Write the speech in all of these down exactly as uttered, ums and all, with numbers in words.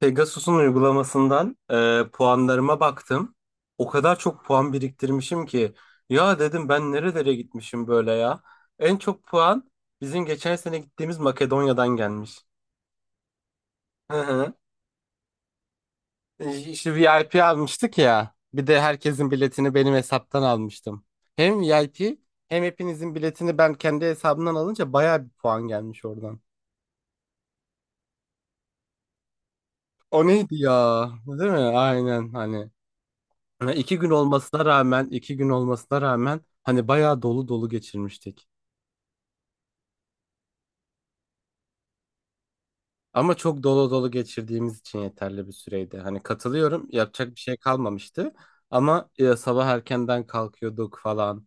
Pegasus'un uygulamasından e, puanlarıma baktım. O kadar çok puan biriktirmişim ki ya dedim ben nerelere gitmişim böyle ya. En çok puan bizim geçen sene gittiğimiz Makedonya'dan gelmiş. Hı hı. E, İşte V I P almıştık ya. Bir de herkesin biletini benim hesaptan almıştım. Hem V I P hem hepinizin biletini ben kendi hesabımdan alınca bayağı bir puan gelmiş oradan. O neydi ya? Değil mi? Aynen hani. Ha, iki gün olmasına rağmen, iki gün olmasına rağmen hani bayağı dolu dolu geçirmiştik. Ama çok dolu dolu geçirdiğimiz için yeterli bir süreydi. Hani katılıyorum, yapacak bir şey kalmamıştı. Ama e, sabah erkenden kalkıyorduk falan.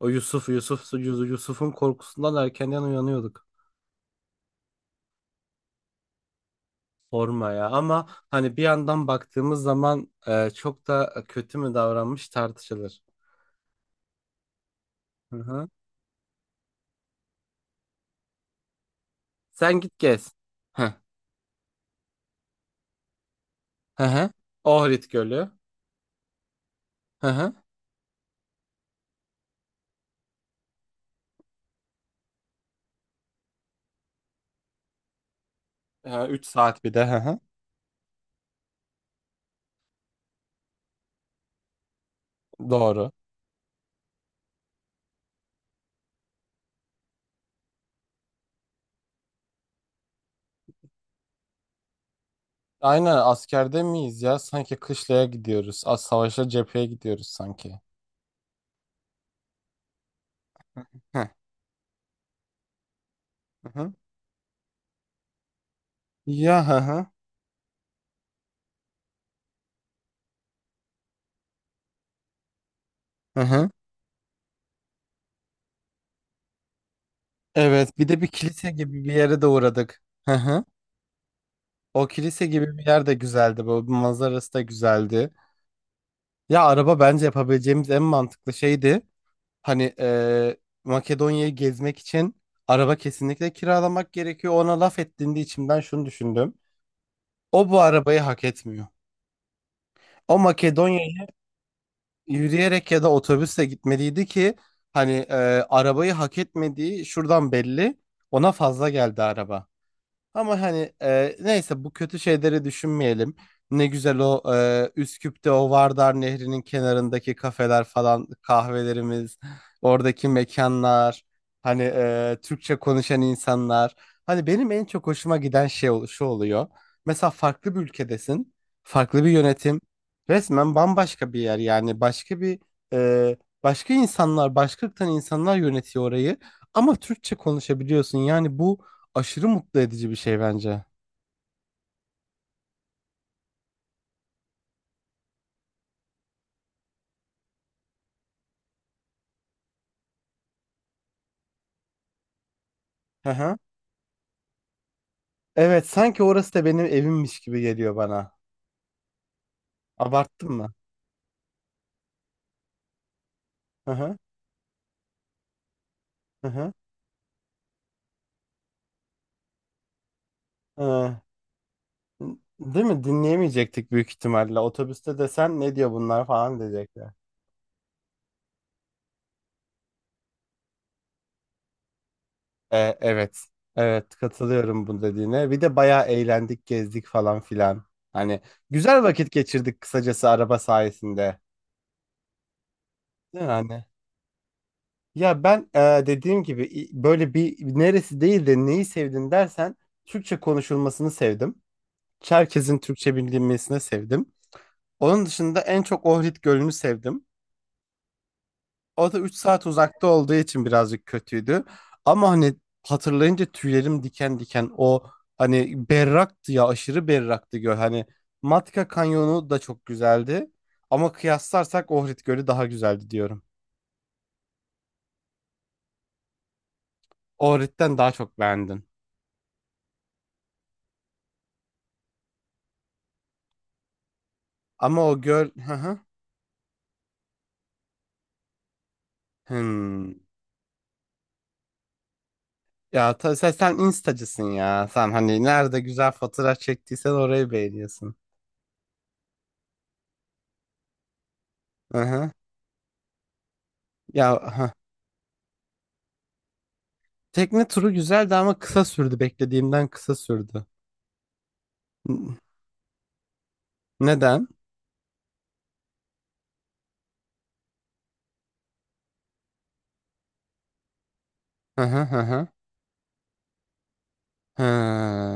O Yusuf, Yusuf, Yusuf- Yusuf'un korkusundan erkenden uyanıyorduk. Sorma ya. Ama hani bir yandan baktığımız zaman e, çok da kötü mü davranmış tartışılır. Hı hı. Sen git gez. Hı hı. hı. Ohrid Gölü. Hı hı. 3 saat bir de. Hı hı. Doğru. Aynen askerde miyiz ya? Sanki kışlaya gidiyoruz. Az savaşa cepheye gidiyoruz sanki. Heh, Hı hı. Ya hı hı. Hı hı. Evet, bir de bir kilise gibi bir yere de uğradık. Hı hı. O kilise gibi bir yer de güzeldi. Bu manzarası da güzeldi. Ya araba bence yapabileceğimiz en mantıklı şeydi. Hani eee, Makedonya'yı gezmek için araba kesinlikle kiralamak gerekiyor. Ona laf ettiğinde içimden şunu düşündüm. O bu arabayı hak etmiyor. O Makedonya Yürüyerek ya da otobüsle gitmeliydi ki hani e, arabayı hak etmediği şuradan belli. Ona fazla geldi araba. Ama hani e, neyse bu kötü şeyleri düşünmeyelim. Ne güzel o e, Üsküp'te o Vardar Nehri'nin kenarındaki kafeler falan kahvelerimiz, oradaki mekanlar, hani e, Türkçe konuşan insanlar. Hani benim en çok hoşuma giden şey ol- şu oluyor. Mesela farklı bir ülkedesin, farklı bir yönetim, resmen bambaşka bir yer yani başka bir e, başka insanlar, başka ırktan insanlar yönetiyor orayı ama Türkçe konuşabiliyorsun. Yani bu aşırı mutlu edici bir şey bence. Hı hı. Evet, sanki orası da benim evimmiş gibi geliyor bana. Abarttım mı? Hı hı. Hı hı. Hı. Değil mi? Dinleyemeyecektik büyük ihtimalle. Otobüste desen ne diyor bunlar falan diyecekler. E, evet. Evet, katılıyorum bu dediğine. Bir de bayağı eğlendik, gezdik falan filan. Hani güzel vakit geçirdik kısacası araba sayesinde. Değil anne? Ya ben e, dediğim gibi i- böyle bir neresi değil de neyi sevdin dersen Türkçe konuşulmasını sevdim. Çerkez'in Türkçe bildirilmesine sevdim. Onun dışında en çok Ohrid Gölü'nü sevdim. O da üç saat uzakta olduğu için birazcık kötüydü. Ama hani hatırlayınca tüylerim diken diken o hani berraktı ya aşırı berraktı göl. Hani Matka Kanyonu da çok güzeldi. Ama kıyaslarsak Ohrid Gölü daha güzeldi diyorum. Ohrid'den daha çok beğendim. Ama o göl... Hı hı. Hmm. Ya ta- sen, sen instacısın ya. Sen hani nerede güzel fotoğraf çektiysen orayı beğeniyorsun. Hı hı. Ya ha. Tekne turu güzeldi ama kısa sürdü. Beklediğimden kısa sürdü. N- Neden? Hı hı hı hı. Ha.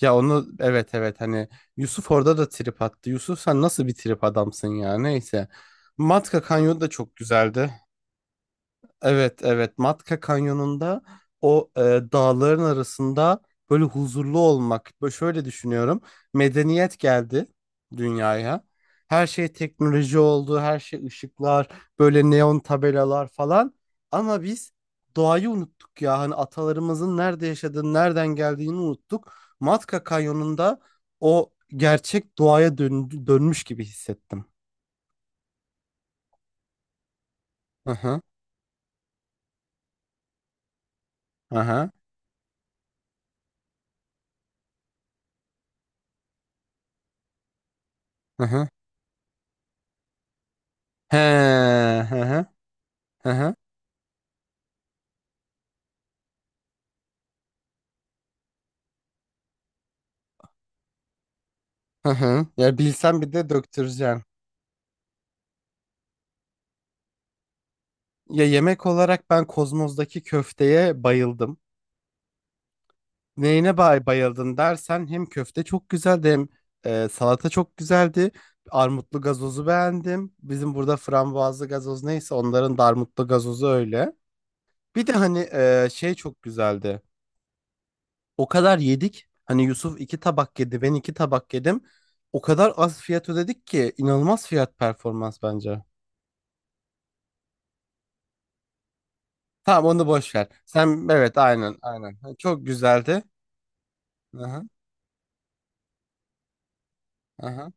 Ya onu evet evet hani Yusuf orada da trip attı. Yusuf sen nasıl bir trip adamsın ya neyse. Matka Kanyon da çok güzeldi. Evet evet Matka Kanyonu'nda o e, dağların arasında böyle huzurlu olmak. Böyle şöyle düşünüyorum. Medeniyet geldi dünyaya. Her şey teknoloji oldu, her şey ışıklar, böyle neon tabelalar falan. Ama biz doğayı unuttuk ya. Hani atalarımızın nerede yaşadığını, nereden geldiğini unuttuk. Matka Kanyonu'nda o gerçek doğaya dön dönmüş gibi hissettim. Hı hı. Hı hı. Hı hı. He, hı hı. Hı hı. Hı hı. Ya bilsem bir de döktüreceğim. Ya yemek olarak ben Kozmos'daki köfteye bayıldım. Neyine bay bayıldın dersen hem köfte çok güzeldi hem e, salata çok güzeldi. Armutlu gazozu beğendim. Bizim burada frambuazlı gazoz neyse onların da armutlu gazozu öyle. Bir de hani e, şey çok güzeldi. O kadar yedik. Hani Yusuf iki tabak yedi, ben iki tabak yedim. O kadar az fiyat ödedik ki inanılmaz fiyat performans bence. Tamam onu boş ver. Sen evet aynen aynen. Ha, Çok güzeldi. Aha, aha.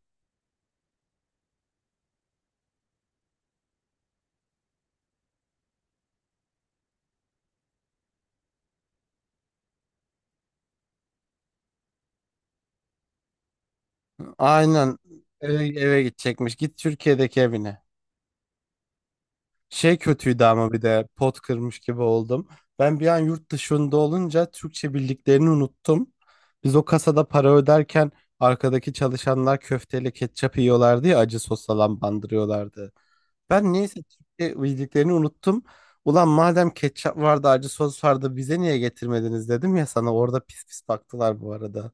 Aynen eve, eve gidecekmiş. Git Türkiye'deki evine. Şey kötüydü ama bir de pot kırmış gibi oldum. Ben bir an yurt dışında olunca Türkçe bildiklerini unuttum. Biz o kasada para öderken arkadaki çalışanlar köfteyle ketçap yiyorlardı ya acı sos falan bandırıyorlardı. Ben niyeyse Türkiye bildiklerini unuttum. Ulan madem ketçap vardı, acı sos vardı bize niye getirmediniz dedim ya sana orada pis pis baktılar bu arada.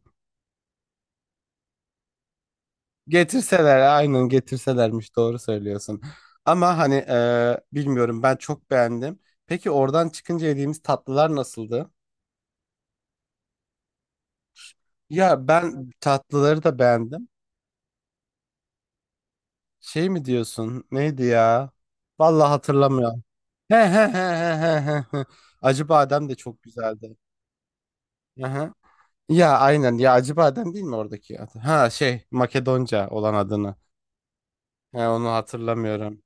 Getirseler aynen getirselermiş doğru söylüyorsun. Ama hani e, bilmiyorum ben çok beğendim. Peki oradan çıkınca yediğimiz tatlılar nasıldı? Ya ben tatlıları da beğendim. Şey mi diyorsun? Neydi ya? Vallahi hatırlamıyorum. He he he he he he. Acı badem de çok güzeldi. Hı hı. Ya aynen ya Acıbadem değil mi oradaki adı? Ha şey Makedonca olan adını. He, onu hatırlamıyorum.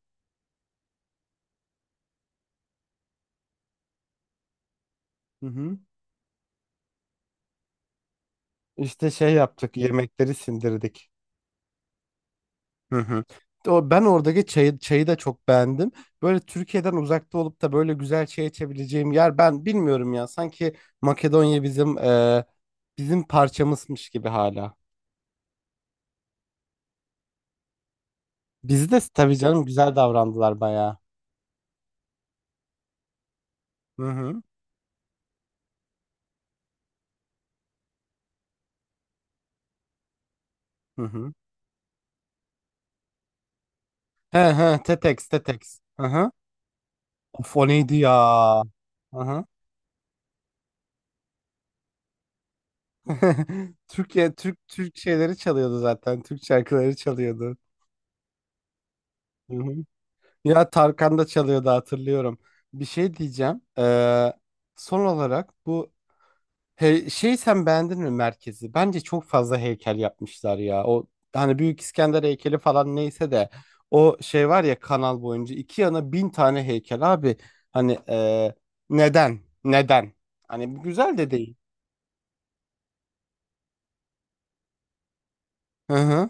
Hı hı. İşte şey yaptık yemekleri sindirdik. Hı hı. O, ben oradaki çayı, çayı da çok beğendim. Böyle Türkiye'den uzakta olup da böyle güzel çay içebileceğim yer ben bilmiyorum ya. Sanki Makedonya bizim e, bizim parçamızmış gibi hala. Bizi de tabii canım güzel davrandılar bayağı. Hı hı. Hı hı. He he Tetex Tetex. Hı hı. Of o neydi ya? Hı hı. Türkiye Türk Türk şeyleri çalıyordu zaten. Türk şarkıları çalıyordu. Hı hı. Ya Tarkan da çalıyordu hatırlıyorum. Bir şey diyeceğim. Ee, son olarak bu he, şey sen beğendin mi merkezi? Bence çok fazla heykel yapmışlar ya. O hani Büyük İskender heykeli falan neyse de o şey var ya kanal boyunca iki yana bin tane heykel abi. Hani e, neden? Neden? Hani bu güzel de değil. Hı hı.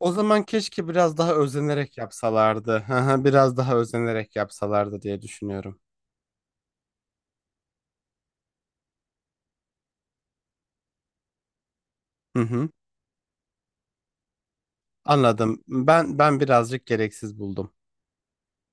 O zaman keşke biraz daha özenerek yapsalardı. Hı hı, Biraz daha özenerek yapsalardı diye düşünüyorum. Hı hı. Anladım. Ben ben birazcık gereksiz buldum.